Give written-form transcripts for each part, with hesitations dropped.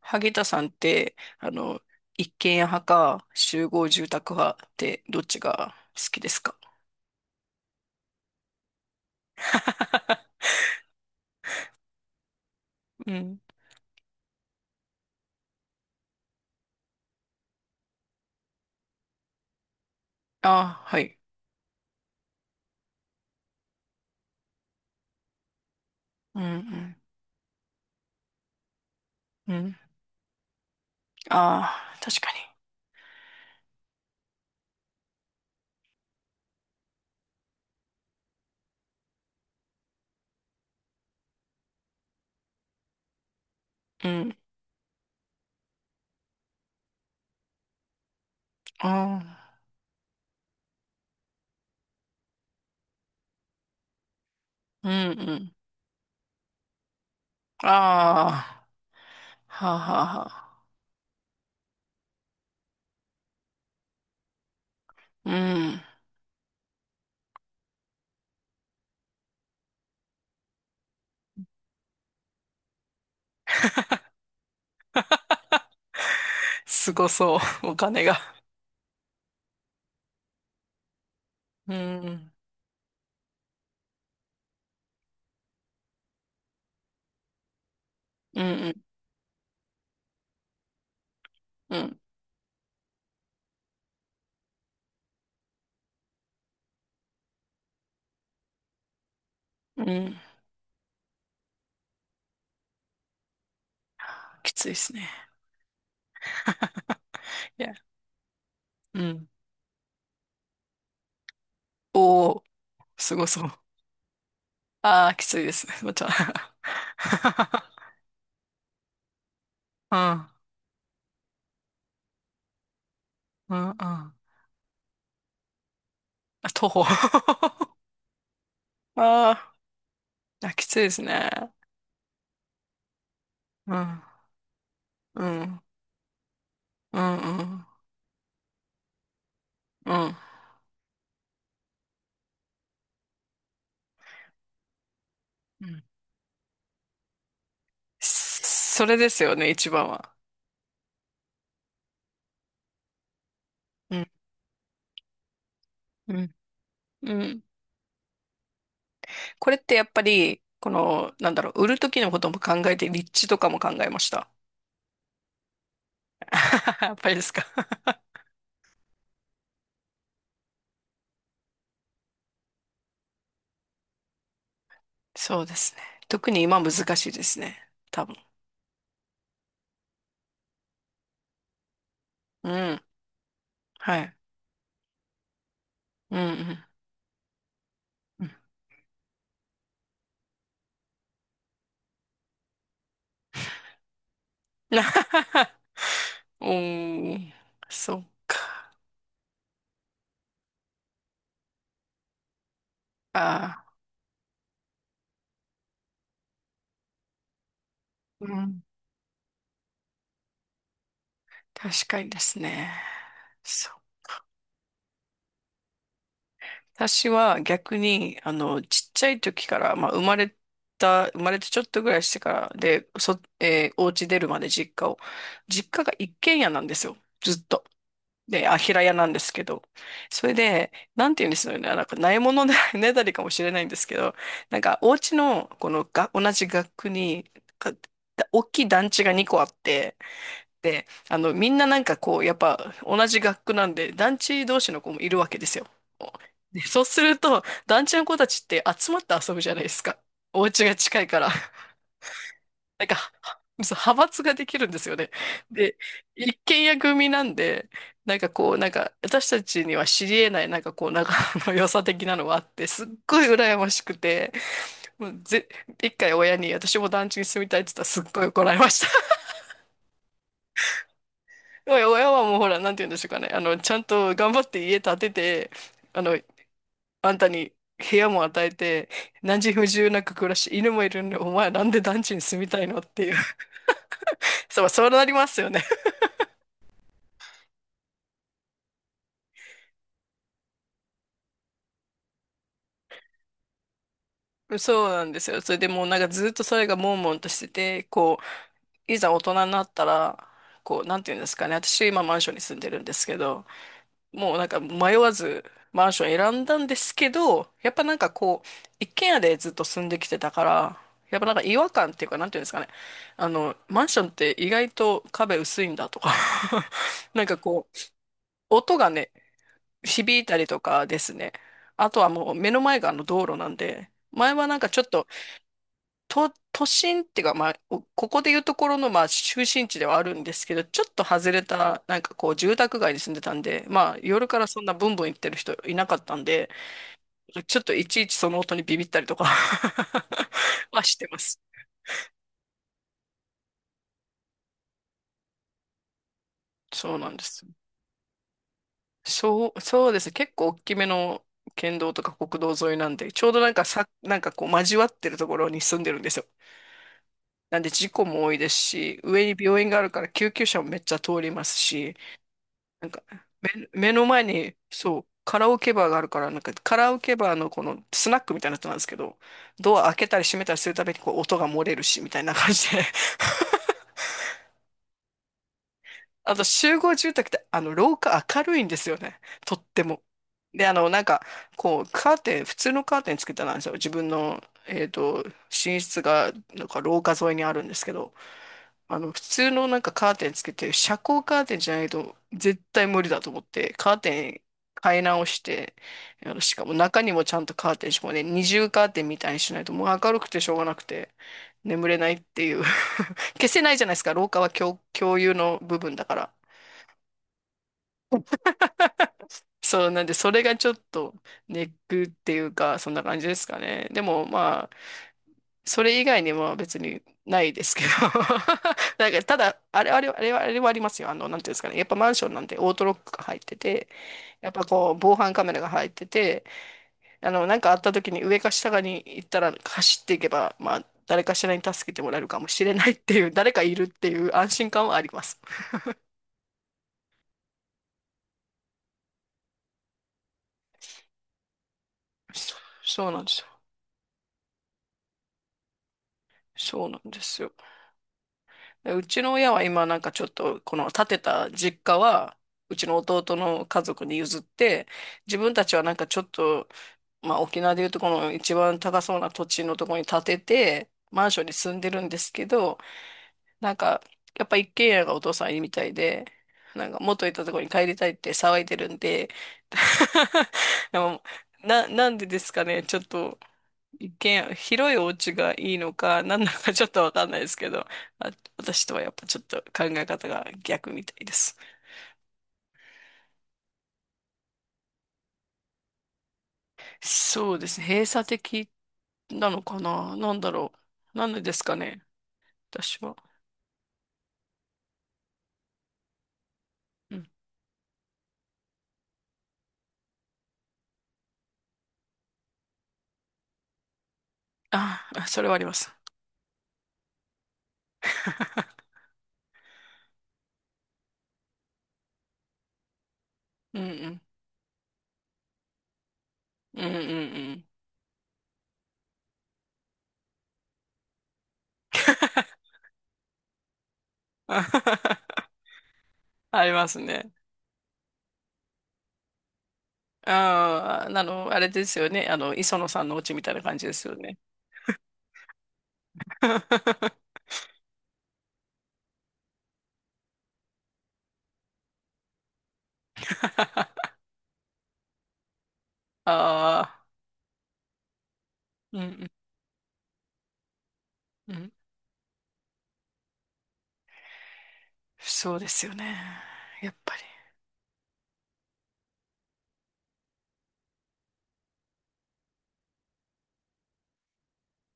萩田さんって、一軒家派か集合住宅派ってどっちが好きですか？ うん。あはい。うんうん。うん。ああ、確かに。うん。ああ。うんうん。ああ。はあはあはあ。うん。すごそう。お金が。うん。うんうんうん。うん。きついですね。いや。うん。おお、すごそう。ああ、きついです。また。うん。うんうん。あ、徒歩。ああ、あきついですね。うん、うん、うん、うん、うん。うん、それですよね、一番は。うん、うん、うん。これってやっぱり、この、なんだろう、売る時のことも考えて、立地とかも考えました。やっぱりですか。そうですね。特に今難しいですね。多分。うん。はい。うんうん。うん。 おー、そっか。あー、うん、確かにですね。そう。私は逆に、ちっちゃい時から、まあ、生まれてちょっとぐらいしてから、で、そ、えー、お家出るまで実家が一軒家なんですよ。ずっと。で、あ、平屋なんですけど。それで、なんて言うんですよね。なんか、ないもので ねだりかもしれないんですけど、なんか、お家の、このが、同じ学区に、か大きい団地が2個あって、みんななんかこう、やっぱ同じ学区なんで、団地同士の子もいるわけですよ。で、そうすると、団地の子たちって集まって遊ぶじゃないですか。お家が近いから。なんか、はそう派閥ができるんですよね。で、一軒家組なんで、なんかこう、私たちには知り得ない、なんかこう、仲の良さ的なのがあって、すっごい羨ましくて、もうぜ、一回親に私も団地に住みたいって言ったらすっごい怒られました。親はもうほら、なんて言うんでしょうかね。ちゃんと頑張って家建てて、あの、あんたに部屋も与えて、何時不自由なく暮らし、犬もいるんで、お前なんで団地に住みたいのっていう。そう、そうなりますよね。そうなんですよ。それでもうなんかずっとそれが悶々としてて、こう、いざ大人になったら、こう、なんて言うんですかね。私今マンションに住んでるんですけど、もうなんか迷わずマンション選んだんですけど、やっぱなんかこう、一軒家でずっと住んできてたから、やっぱなんか違和感っていうか、なんていうんですかね。マンションって意外と壁薄いんだとか なんかこう、音がね、響いたりとかですね。あとはもう目の前があの道路なんで、前はなんかちょっと都心っていうか、まあ、おここでいうところの、まあ、中心地ではあるんですけど、ちょっと外れた、なんかこう、住宅街に住んでたんで、まあ、夜からそんなブンブン行ってる人いなかったんで、ちょっといちいちその音にビビったりとか はしてます。そうなんです。そう、そうですね。結構大きめの県道とか国道沿いなんで、ちょうどなんかさ、なんかこう、交わってるところに住んでるんですよ。なんで事故も多いですし、上に病院があるから救急車もめっちゃ通りますし、なんか、目の前に、そう、カラオケバーがあるから、なんか、カラオケバーのこのスナックみたいなやつなんですけど、ドア開けたり閉めたりするたびにこう音が漏れるし、みたいな感じで。あと集合住宅ってあの廊下明るいんですよね。とっても。で、こう、カーテン、普通のカーテンつけてなんですよ。自分の、えっと、寝室が、なんか廊下沿いにあるんですけど、普通のなんかカーテンつけて、遮光カーテンじゃないと絶対無理だと思って、カーテン買い直して、あのしかも中にもちゃんとカーテン、しかもね、二重カーテンみたいにしないともう明るくてしょうがなくて、眠れないっていう。消せないじゃないですか。廊下は共有の部分だから。そう、なんで、それがちょっとネックっていうか、そんな感じですかね。でも、まあ、それ以外には別にないですけど。なんか、ただ、あれ、あれ、あれは、あれはありますよ。なんていうんですかね。やっぱマンションなんでオートロックが入ってて、やっぱこう、防犯カメラが入ってて、なんかあった時に上か下かに行ったら走っていけば、まあ、誰かしらに助けてもらえるかもしれないっていう、誰かいるっていう安心感はあります。そ、そうなんです。そうなんですよ。でうちの親は今なんかちょっとこの建てた実家はうちの弟の家族に譲って、自分たちはなんかちょっと、まあ沖縄でいうとこの一番高そうな土地のところに建ててマンションに住んでるんですけど、なんかやっぱ一軒家がお父さんいいみたいで、なんか元いたところに帰りたいって騒いでるんで、 でも、なんでですかね、ちょっと一見、広いお家がいいのか、何なのかちょっとわかんないですけど、あ、私とはやっぱちょっと考え方が逆みたいです。そうですね。閉鎖的なのかな、なんだろう。なんでですかね、私は。うん。あ、あそれはあります。うんうん。うんうんうん。ありますね。ああ、あの、あれですよね。あの、磯野さんのお家みたいな感じですよね。ああ、うんうんうん。そうですよね。やっぱり。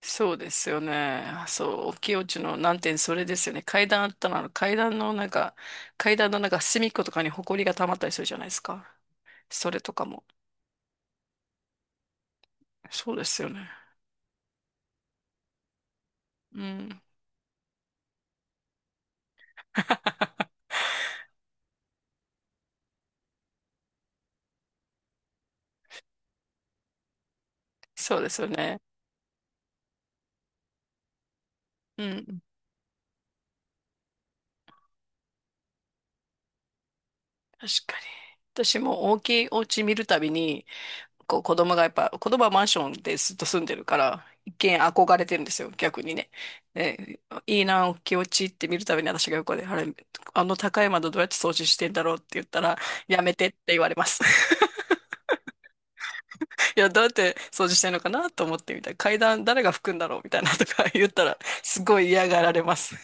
そうですよね。そう、清地の難点、それですよね。階段あったら、あの階段のなんか、階段のなんか隅っことかに埃が溜まったりするじゃないですか。それとかも。そうですよね。うん。そうですよね。うん。確かに。私も大きいお家見るたびに、こう子供がやっぱ、子供はマンションでずっと住んでるから、一見憧れてるんですよ、逆にね。で、いいな、大きいお気落ちって見るたびに私が横で、あれ、あの高い窓どうやって掃除してんだろうって言ったら、やめてって言われます。いや、どうやって掃除してんのかなと思ってみたいな。階段誰が拭くんだろうみたいなとか言ったら、すごい嫌がられます。